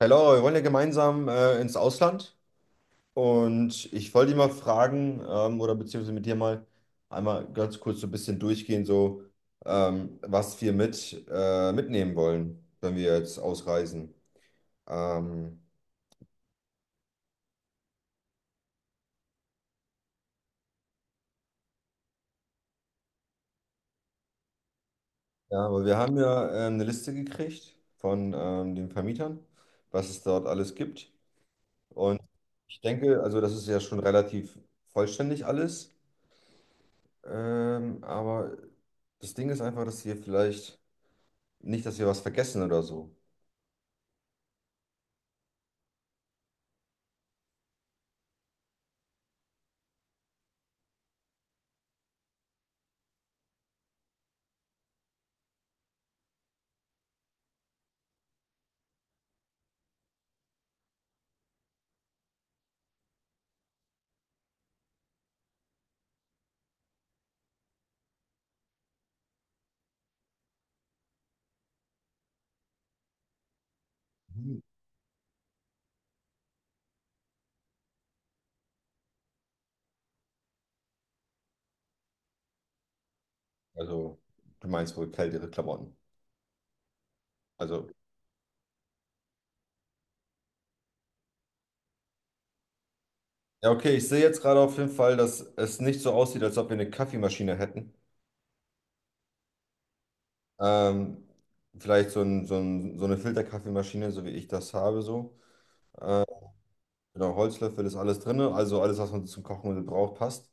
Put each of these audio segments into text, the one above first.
Hey Laura, wir wollen ja gemeinsam ins Ausland und ich wollte dich mal fragen oder beziehungsweise mit dir mal einmal ganz kurz so ein bisschen durchgehen, so was wir mit mitnehmen wollen, wenn wir jetzt ausreisen. Ähm, ja, aber wir haben ja eine Liste gekriegt von den Vermietern, was es dort alles gibt, und ich denke, also das ist ja schon relativ vollständig alles, aber das Ding ist einfach, dass wir vielleicht nicht, dass wir was vergessen oder so. Hm. Also, du meinst wohl kältere Klamotten. Also, ja, okay, ich sehe jetzt gerade auf jeden Fall, dass es nicht so aussieht, als ob wir eine Kaffeemaschine hätten. Ähm, vielleicht so, so eine Filterkaffeemaschine, so wie ich das habe, so. Genau, Holzlöffel ist alles drin, also alles, was man zum Kochen braucht, passt.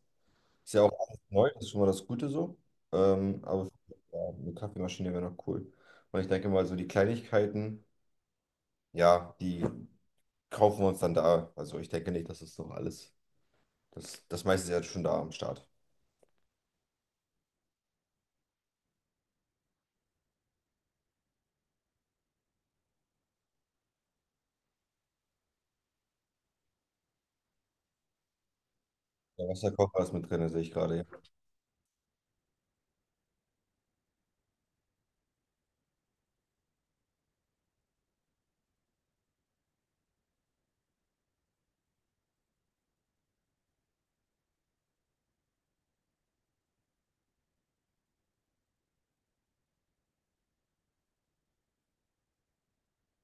Ist ja auch alles neu, das ist schon mal das Gute so. Aber ja, eine Kaffeemaschine wäre noch cool. Und ich denke mal, so die Kleinigkeiten, ja, die kaufen wir uns dann da. Also ich denke nicht, dass es noch alles. Das meiste ist ja schon da am Start. Der Wasserkocher ist mit drin, sehe ich gerade. Ja,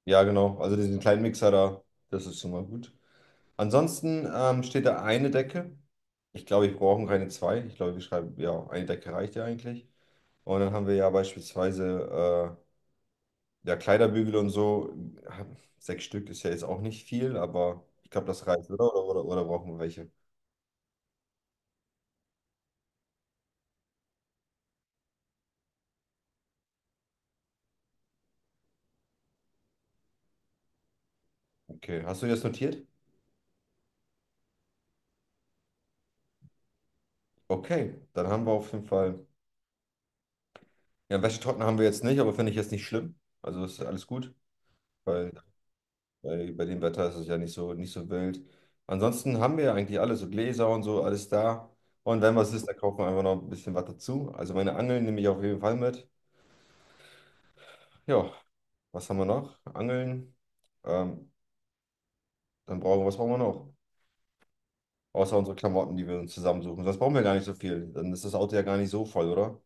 ja, genau. Also diesen kleinen Mixer da, das ist schon mal gut. Ansonsten steht da eine Decke. Ich glaube, wir brauchen keine zwei. Ich glaube, wir schreiben, ja, eine Decke reicht ja eigentlich. Und dann haben wir ja beispielsweise ja, Kleiderbügel und so. Sechs Stück ist ja jetzt auch nicht viel, aber ich glaube, das reicht, oder? Oder brauchen wir welche? Okay. Hast du das notiert? Okay, dann haben wir auf jeden Fall. Ja, Wäschetrockner haben wir jetzt nicht, aber finde ich jetzt nicht schlimm. Also ist alles gut, weil bei dem Wetter ist es ja nicht so, nicht so wild. Ansonsten haben wir ja eigentlich alles, so Gläser und so, alles da. Und wenn was ist, dann kaufen wir einfach noch ein bisschen was dazu. Also meine Angeln nehme ich auf jeden Fall mit. Ja, was haben wir noch? Angeln. Ähm, dann brauchen wir, was brauchen wir noch? Außer unsere Klamotten, die wir uns zusammensuchen. Sonst brauchen wir gar nicht so viel. Dann ist das Auto ja gar nicht so voll, oder?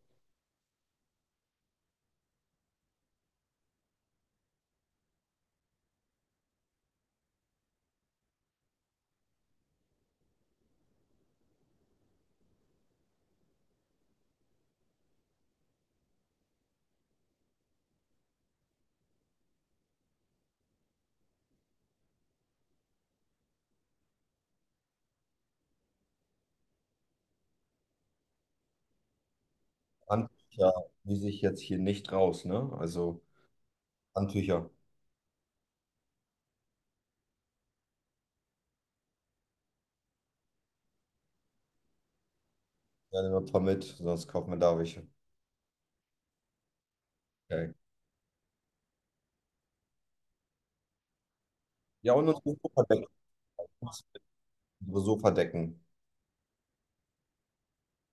Handtücher, die sich jetzt hier nicht raus, ne? Also Handtücher. Ja, nehmen wir ein paar mit, sonst kaufen wir da welche. Okay. Ja, und unsere Sofadecken. Unsere Sofadecken.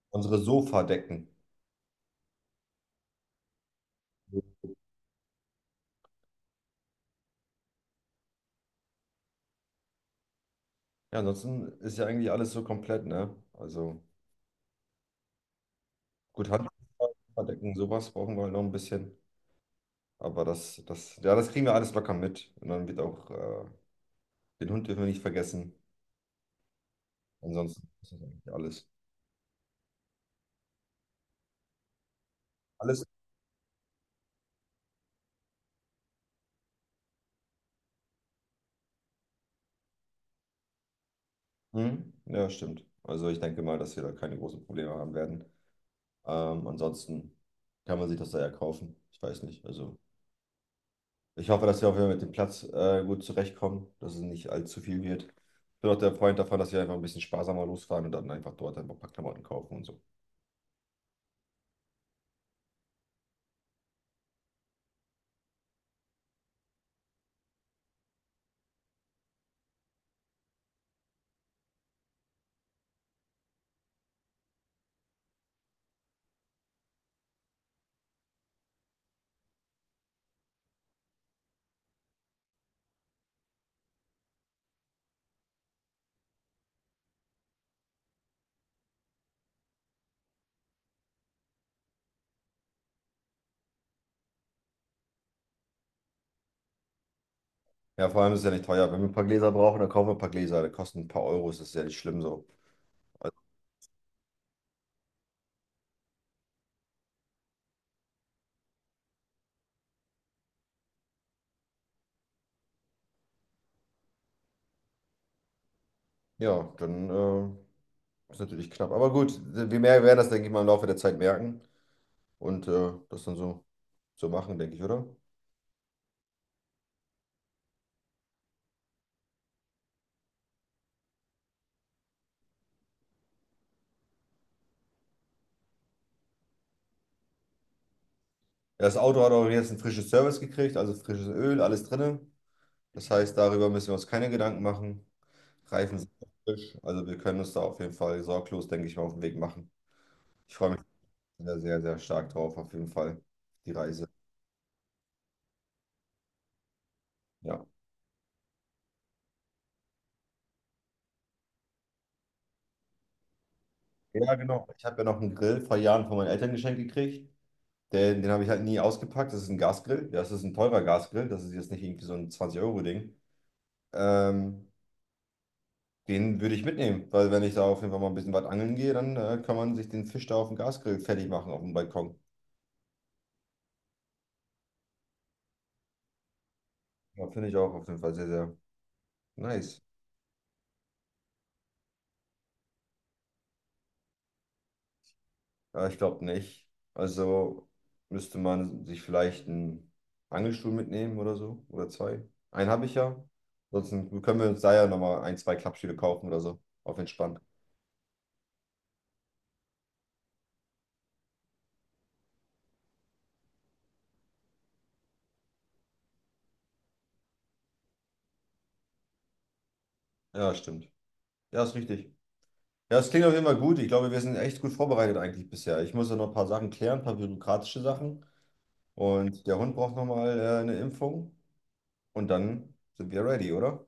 Unsere Sofadecken. Ja, ansonsten ist ja eigentlich alles so komplett, ne? Also gut, Handdecken, sowas brauchen wir halt noch ein bisschen. Aber das kriegen wir alles locker mit. Und dann wird auch, den Hund dürfen wir nicht vergessen. Ansonsten ist das eigentlich alles. Alles? Hm? Ja, stimmt. Also ich denke mal, dass wir da keine großen Probleme haben werden. Ansonsten kann man sich das da ja kaufen. Ich weiß nicht. Also. Ich hoffe, dass wir auch wieder mit dem Platz gut zurechtkommen, dass es nicht allzu viel wird. Ich bin auch der Freund davon, dass wir einfach ein bisschen sparsamer losfahren und dann einfach dort einfach ein paar Klamotten kaufen und so. Ja, vor allem ist es ja nicht teuer. Wenn wir ein paar Gläser brauchen, dann kaufen wir ein paar Gläser. Die kosten ein paar Euros, das ist ja nicht schlimm so. Ja, dann ist natürlich knapp. Aber gut, wir mehr werden das, denke ich mal, im Laufe der Zeit merken und das dann so, so machen, denke ich, oder? Ja, das Auto hat auch jetzt ein frisches Service gekriegt, also frisches Öl, alles drin. Das heißt, darüber müssen wir uns keine Gedanken machen. Reifen sind noch frisch. Also wir können uns da auf jeden Fall sorglos, denke ich mal, auf den Weg machen. Ich freue mich sehr, sehr, sehr stark drauf, auf jeden Fall, die Reise. Ja. Ja, genau. Ich habe ja noch einen Grill vor Jahren von meinen Eltern geschenkt gekriegt. Den habe ich halt nie ausgepackt. Das ist ein Gasgrill. Ja, das ist ein teurer Gasgrill. Das ist jetzt nicht irgendwie so ein 20-Euro-Ding. Ähm, den würde ich mitnehmen, weil wenn ich da auf jeden Fall mal ein bisschen weit angeln gehe, dann kann man sich den Fisch da auf dem Gasgrill fertig machen, auf dem Balkon. Ja, finde ich auch auf jeden Fall sehr, sehr nice. Ja, ich glaube nicht. Also müsste man sich vielleicht einen Angelstuhl mitnehmen oder so. Oder zwei. Einen habe ich ja. Sonst können wir uns da ja nochmal ein, zwei Klappstühle kaufen oder so. Auf entspannt. Ja, stimmt. Ja, ist richtig. Ja, es klingt auf jeden Fall gut. Ich glaube, wir sind echt gut vorbereitet eigentlich bisher. Ich muss ja noch ein paar Sachen klären, ein paar bürokratische Sachen. Und der Hund braucht nochmal eine Impfung. Und dann sind wir ready, oder?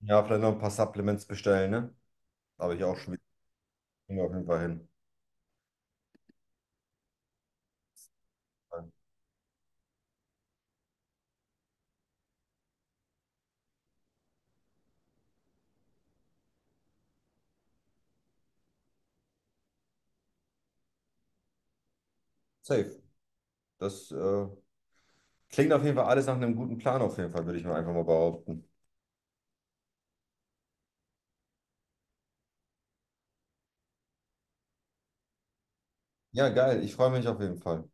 Ja, vielleicht noch ein paar Supplements bestellen, ne? Habe ich auch schon wieder. Kriegen wir auf jeden Fall hin. Safe. Das klingt auf jeden Fall alles nach einem guten Plan, auf jeden Fall, würde ich mir einfach mal behaupten. Ja, geil. Ich freue mich auf jeden Fall.